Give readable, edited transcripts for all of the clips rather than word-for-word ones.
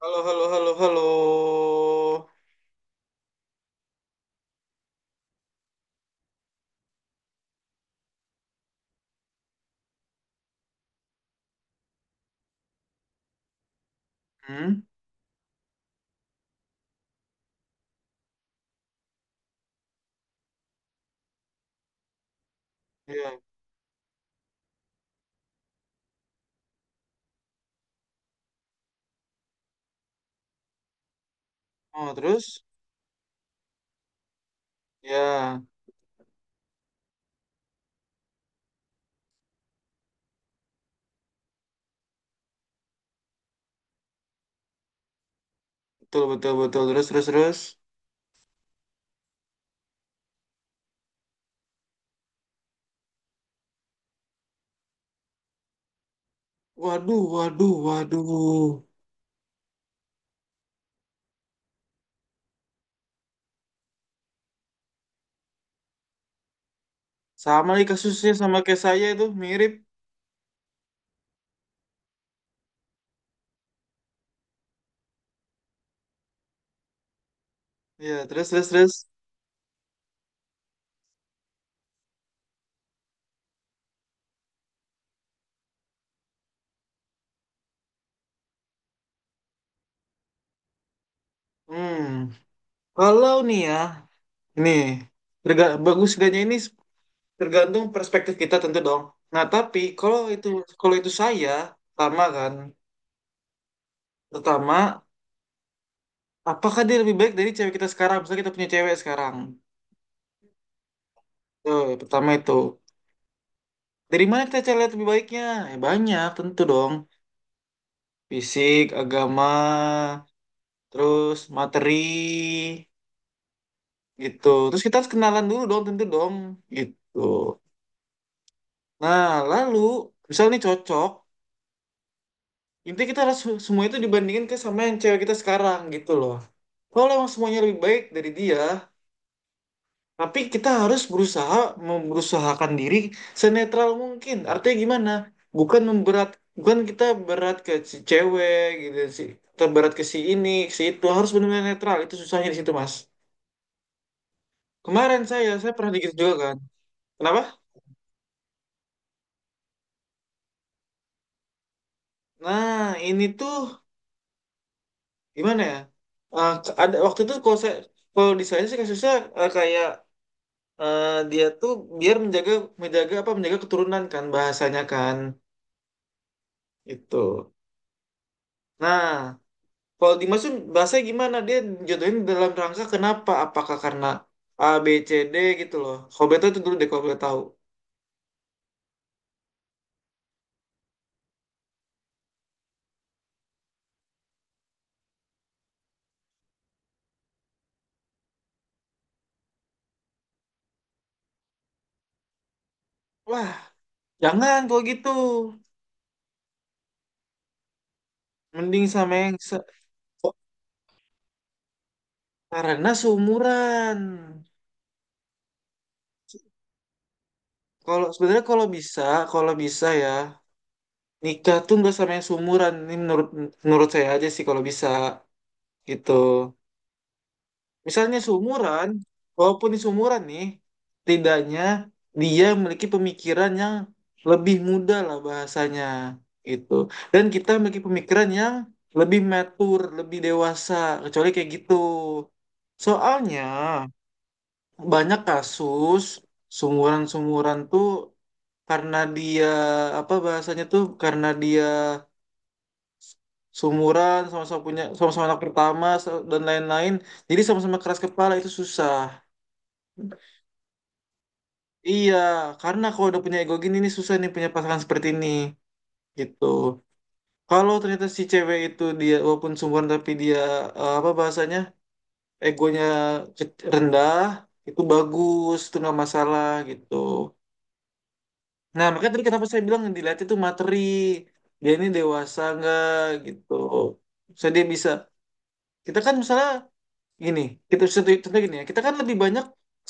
Halo, halo, halo, halo. Hmm? Ya, oh terus? Ya, betul, betul, betul. Terus, terus, terus. Waduh, waduh, waduh. Sama nih kasusnya sama kayak saya itu, mirip. Ya, terus, terus, terus. Hmm, kalau nih ya, nih, bagus gaknya ini tergantung perspektif kita tentu dong. Nah, tapi kalau itu saya, pertama kan, pertama, apakah dia lebih baik dari cewek kita sekarang? Misalnya kita punya cewek sekarang. Tuh, pertama itu. Dari mana kita cari lihat lebih baiknya? Banyak tentu dong. Fisik, agama, terus materi, gitu. Terus kita harus kenalan dulu dong, tentu dong, gitu. Nah, lalu misalnya nih cocok, intinya kita harus semua itu dibandingin ke sama yang cewek kita sekarang, gitu loh. Kalau emang semuanya lebih baik dari dia, tapi kita harus berusaha memberusahakan diri senetral mungkin. Artinya gimana? Bukan memberat, bukan kita berat ke si cewek gitu sih. Kita berat ke si ini, si itu harus benar-benar netral. Itu susahnya di situ, Mas. Kemarin saya pernah digitu juga kan. Kenapa? Nah, ini tuh gimana ya? Eh, ada waktu itu kalau saya kalau di saya sih kasusnya kayak dia tuh biar menjaga menjaga apa menjaga keturunan kan bahasanya kan itu. Nah, kalau Dimas tuh bahasanya gimana? Dia jatuhin dalam rangka kenapa? Apakah karena A, B, C, D gitu loh. Kalau Beto itu dulu deh kalau boleh tahu. Wah, jangan kalau gitu. Mending sama yang se karena seumuran. Kalau sebenarnya kalau bisa ya nikah tuh nggak sama yang seumuran. Ini menurut menurut saya aja sih kalau bisa gitu. Misalnya sumuran, walaupun di sumuran nih, tidaknya dia memiliki pemikiran yang lebih muda lah bahasanya gitu. Dan kita memiliki pemikiran yang lebih mature, lebih dewasa, kecuali kayak gitu. Soalnya banyak kasus sumuran-sumuran tuh karena dia apa bahasanya tuh karena dia sumuran sama-sama punya sama-sama anak pertama dan lain-lain jadi sama-sama keras kepala itu susah. Iya, karena kalau udah punya ego gini nih susah nih punya pasangan seperti ini gitu. Kalau ternyata si cewek itu dia walaupun sungguhan tapi dia apa bahasanya egonya rendah itu bagus itu nggak masalah gitu. Nah makanya tadi kenapa saya bilang yang dilihat itu materi, dia ini dewasa nggak gitu. Saya dia bisa kita kan misalnya gini, kita contoh contoh gini ya, kita kan lebih banyak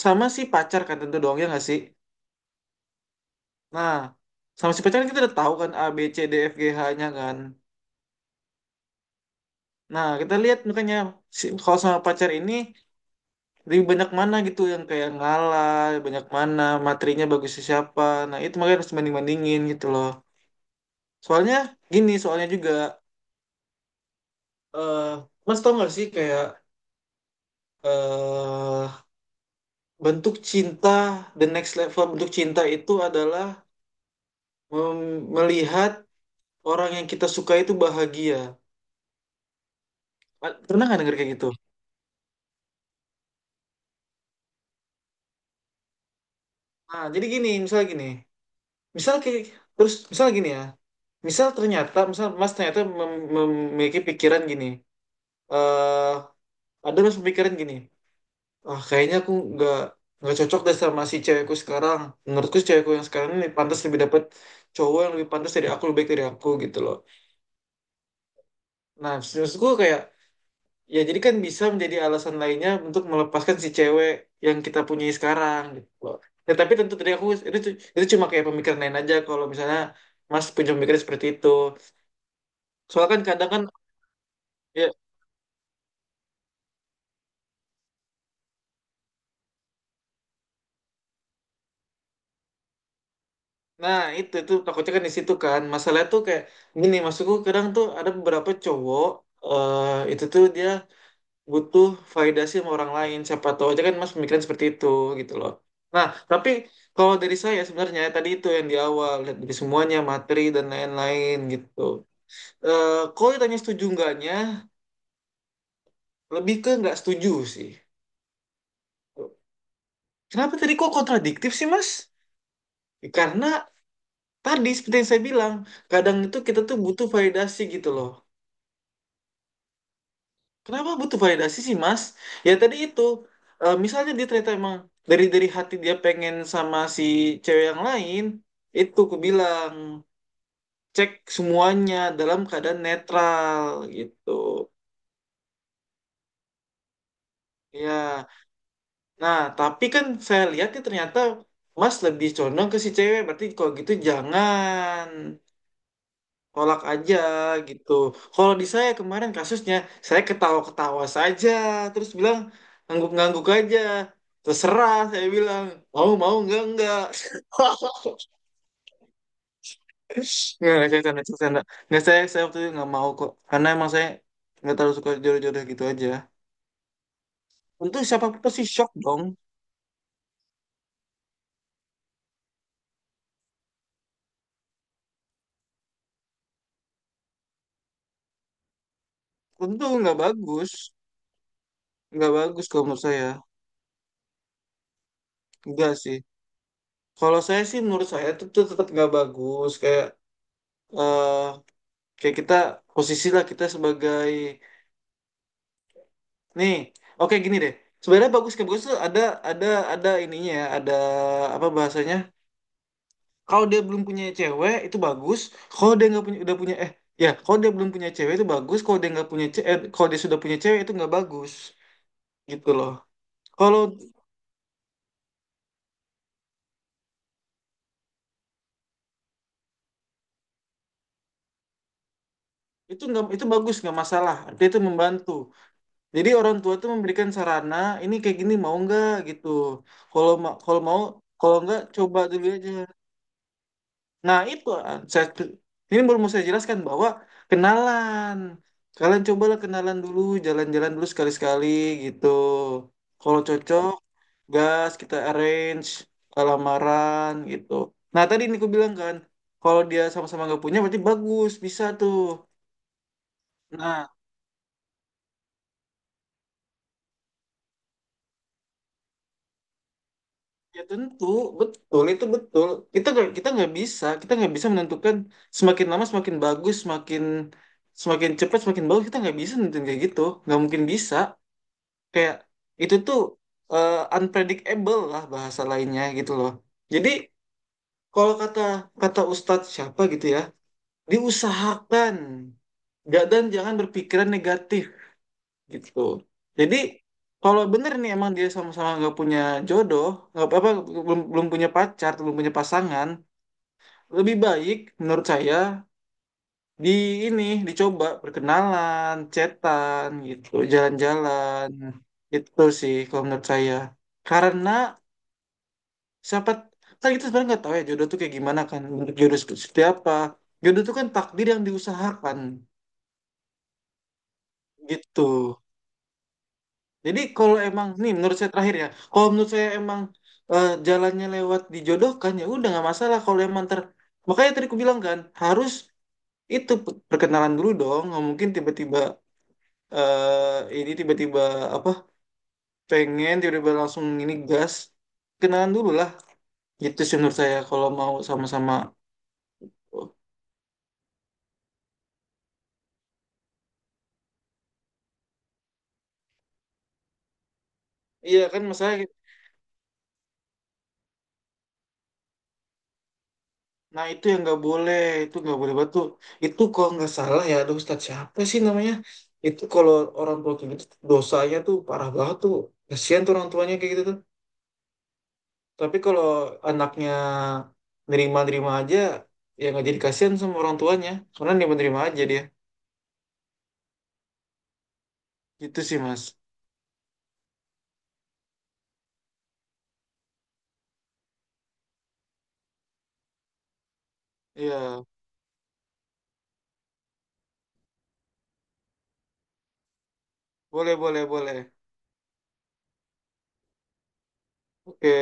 sama si pacar kan tentu doang ya nggak sih? Nah, sama si pacar kan kita udah tahu kan A, B, C, D, F, G, H-nya kan. Nah, kita lihat makanya kalau sama pacar ini lebih banyak mana gitu yang kayak ngalah, banyak mana, materinya bagusnya siapa. Nah, itu makanya harus banding-bandingin gitu loh. Soalnya gini, soalnya juga eh Mas tau gak sih kayak eh bentuk cinta, the next level bentuk cinta itu adalah melihat orang yang kita suka itu bahagia. Pernah gak denger kayak gitu? Nah, jadi gini, misalnya gini. Misal kayak terus misal gini ya, misal ternyata misal mas ternyata memiliki pikiran gini, eh ada mas pemikiran gini, ah kayaknya aku nggak cocok deh sama si cewekku sekarang. Menurutku si cewekku yang sekarang ini pantas lebih dapat cowok yang lebih pantas dari aku, lebih baik dari aku gitu loh. Nah maksudku kayak ya jadi kan bisa menjadi alasan lainnya untuk melepaskan si cewek yang kita punyai sekarang gitu loh. Ya, tapi tentu tadi aku, itu itu cuma kayak pemikiran lain aja kalau misalnya Mas punya pemikiran seperti itu. Soalnya kan kadang kan, ya nah itu takutnya kan di situ kan. Masalah tuh kayak gini, maksudku kadang tuh ada beberapa cowok itu tuh dia butuh validasi sama orang lain. Siapa tahu aja kan Mas pemikiran seperti itu gitu loh. Nah, tapi kalau dari saya sebenarnya tadi itu yang di awal lihat dari semuanya materi dan lain-lain gitu. Eh Kalau ditanya setuju enggaknya lebih ke nggak setuju sih. Kenapa tadi kok kontradiktif sih Mas? Karena tadi seperti yang saya bilang, kadang itu kita tuh butuh validasi gitu loh. Kenapa butuh validasi sih, Mas? Ya tadi itu, misalnya dia ternyata emang dari hati dia pengen sama si cewek yang lain, itu aku bilang cek semuanya dalam keadaan netral gitu. Ya, nah tapi kan saya lihatnya ternyata Mas lebih condong ke si cewek, berarti kalau gitu jangan. Tolak aja gitu. Kalau di saya kemarin kasusnya, saya ketawa-ketawa saja, terus bilang ngangguk-ngangguk aja. Terserah, saya bilang. Mau, mau, enggak, enggak. Nggak, saya canda, saya canda. Nggak, saya waktu itu nggak mau kok. Karena emang saya nggak terlalu suka jodoh-jodoh gitu aja. Untuk siapa pasti shock dong. Tentu nggak bagus. Nggak bagus kalau menurut saya. Enggak sih. Kalau saya sih menurut saya itu, tuh tetap nggak bagus. Kayak eh kayak kita, posisi lah kita sebagai nih, oke gini deh, sebenarnya bagus kayak bagus tuh ada ada ininya ya, ada apa bahasanya, kalau dia belum punya cewek itu bagus, kalau dia nggak punya udah punya ya kalau dia belum punya cewek itu bagus, kalau dia nggak punya cewek, kalau dia sudah punya cewek itu nggak bagus gitu loh. Kalau itu nggak, itu bagus nggak masalah, dia itu membantu, jadi orang tua tuh memberikan sarana ini kayak gini mau nggak gitu. Kalau kalau mau, kalau nggak coba dulu aja. Nah, itu ah, saya, ini belum mau saya jelaskan bahwa kenalan. Kalian cobalah kenalan dulu, jalan-jalan dulu sekali-sekali gitu. Kalau cocok, gas kita arrange lamaran gitu. Nah, tadi ini aku bilang kan, kalau dia sama-sama nggak punya berarti bagus, bisa tuh. Nah, ya tentu betul itu betul. Kita nggak bisa menentukan semakin lama semakin bagus, semakin semakin cepat semakin bagus, kita nggak bisa nentuin kayak gitu, nggak mungkin bisa. Kayak itu tuh unpredictable lah bahasa lainnya gitu loh. Jadi kalau kata kata Ustadz siapa gitu ya, diusahakan. Dan jangan berpikiran negatif gitu. Jadi kalau bener nih emang dia sama-sama nggak punya jodoh, nggak apa-apa, belum belum punya pacar, belum punya pasangan, lebih baik menurut saya di ini dicoba perkenalan, chatan gitu, jalan-jalan. Itu sih kalau menurut saya. Karena siapa, kan kita sebenarnya nggak tahu ya jodoh tuh kayak gimana kan, bentuk jodoh seperti apa. Jodoh tuh kan takdir yang diusahakan gitu. Jadi kalau emang nih menurut saya terakhir ya, kalau menurut saya emang jalannya lewat dijodohkan ya udah nggak masalah, kalau emang makanya tadi aku bilang kan harus itu perkenalan dulu dong, nggak mungkin tiba-tiba ini tiba-tiba apa pengen tiba-tiba langsung ini gas, kenalan dulu lah gitu sih menurut saya kalau mau sama-sama. Oh, iya kan mas, saya nah itu yang nggak boleh, itu nggak boleh batu. Itu kalau nggak salah ya, aduh Ustadz siapa sih namanya, itu kalau orang tua kayak gitu dosanya tuh parah banget tuh, kasihan tuh orang tuanya kayak gitu tuh. Tapi kalau anaknya nerima-nerima aja ya nggak jadi kasihan sama orang tuanya karena nerima-nerima aja dia, gitu sih mas. Iya, boleh, boleh, boleh. Oke,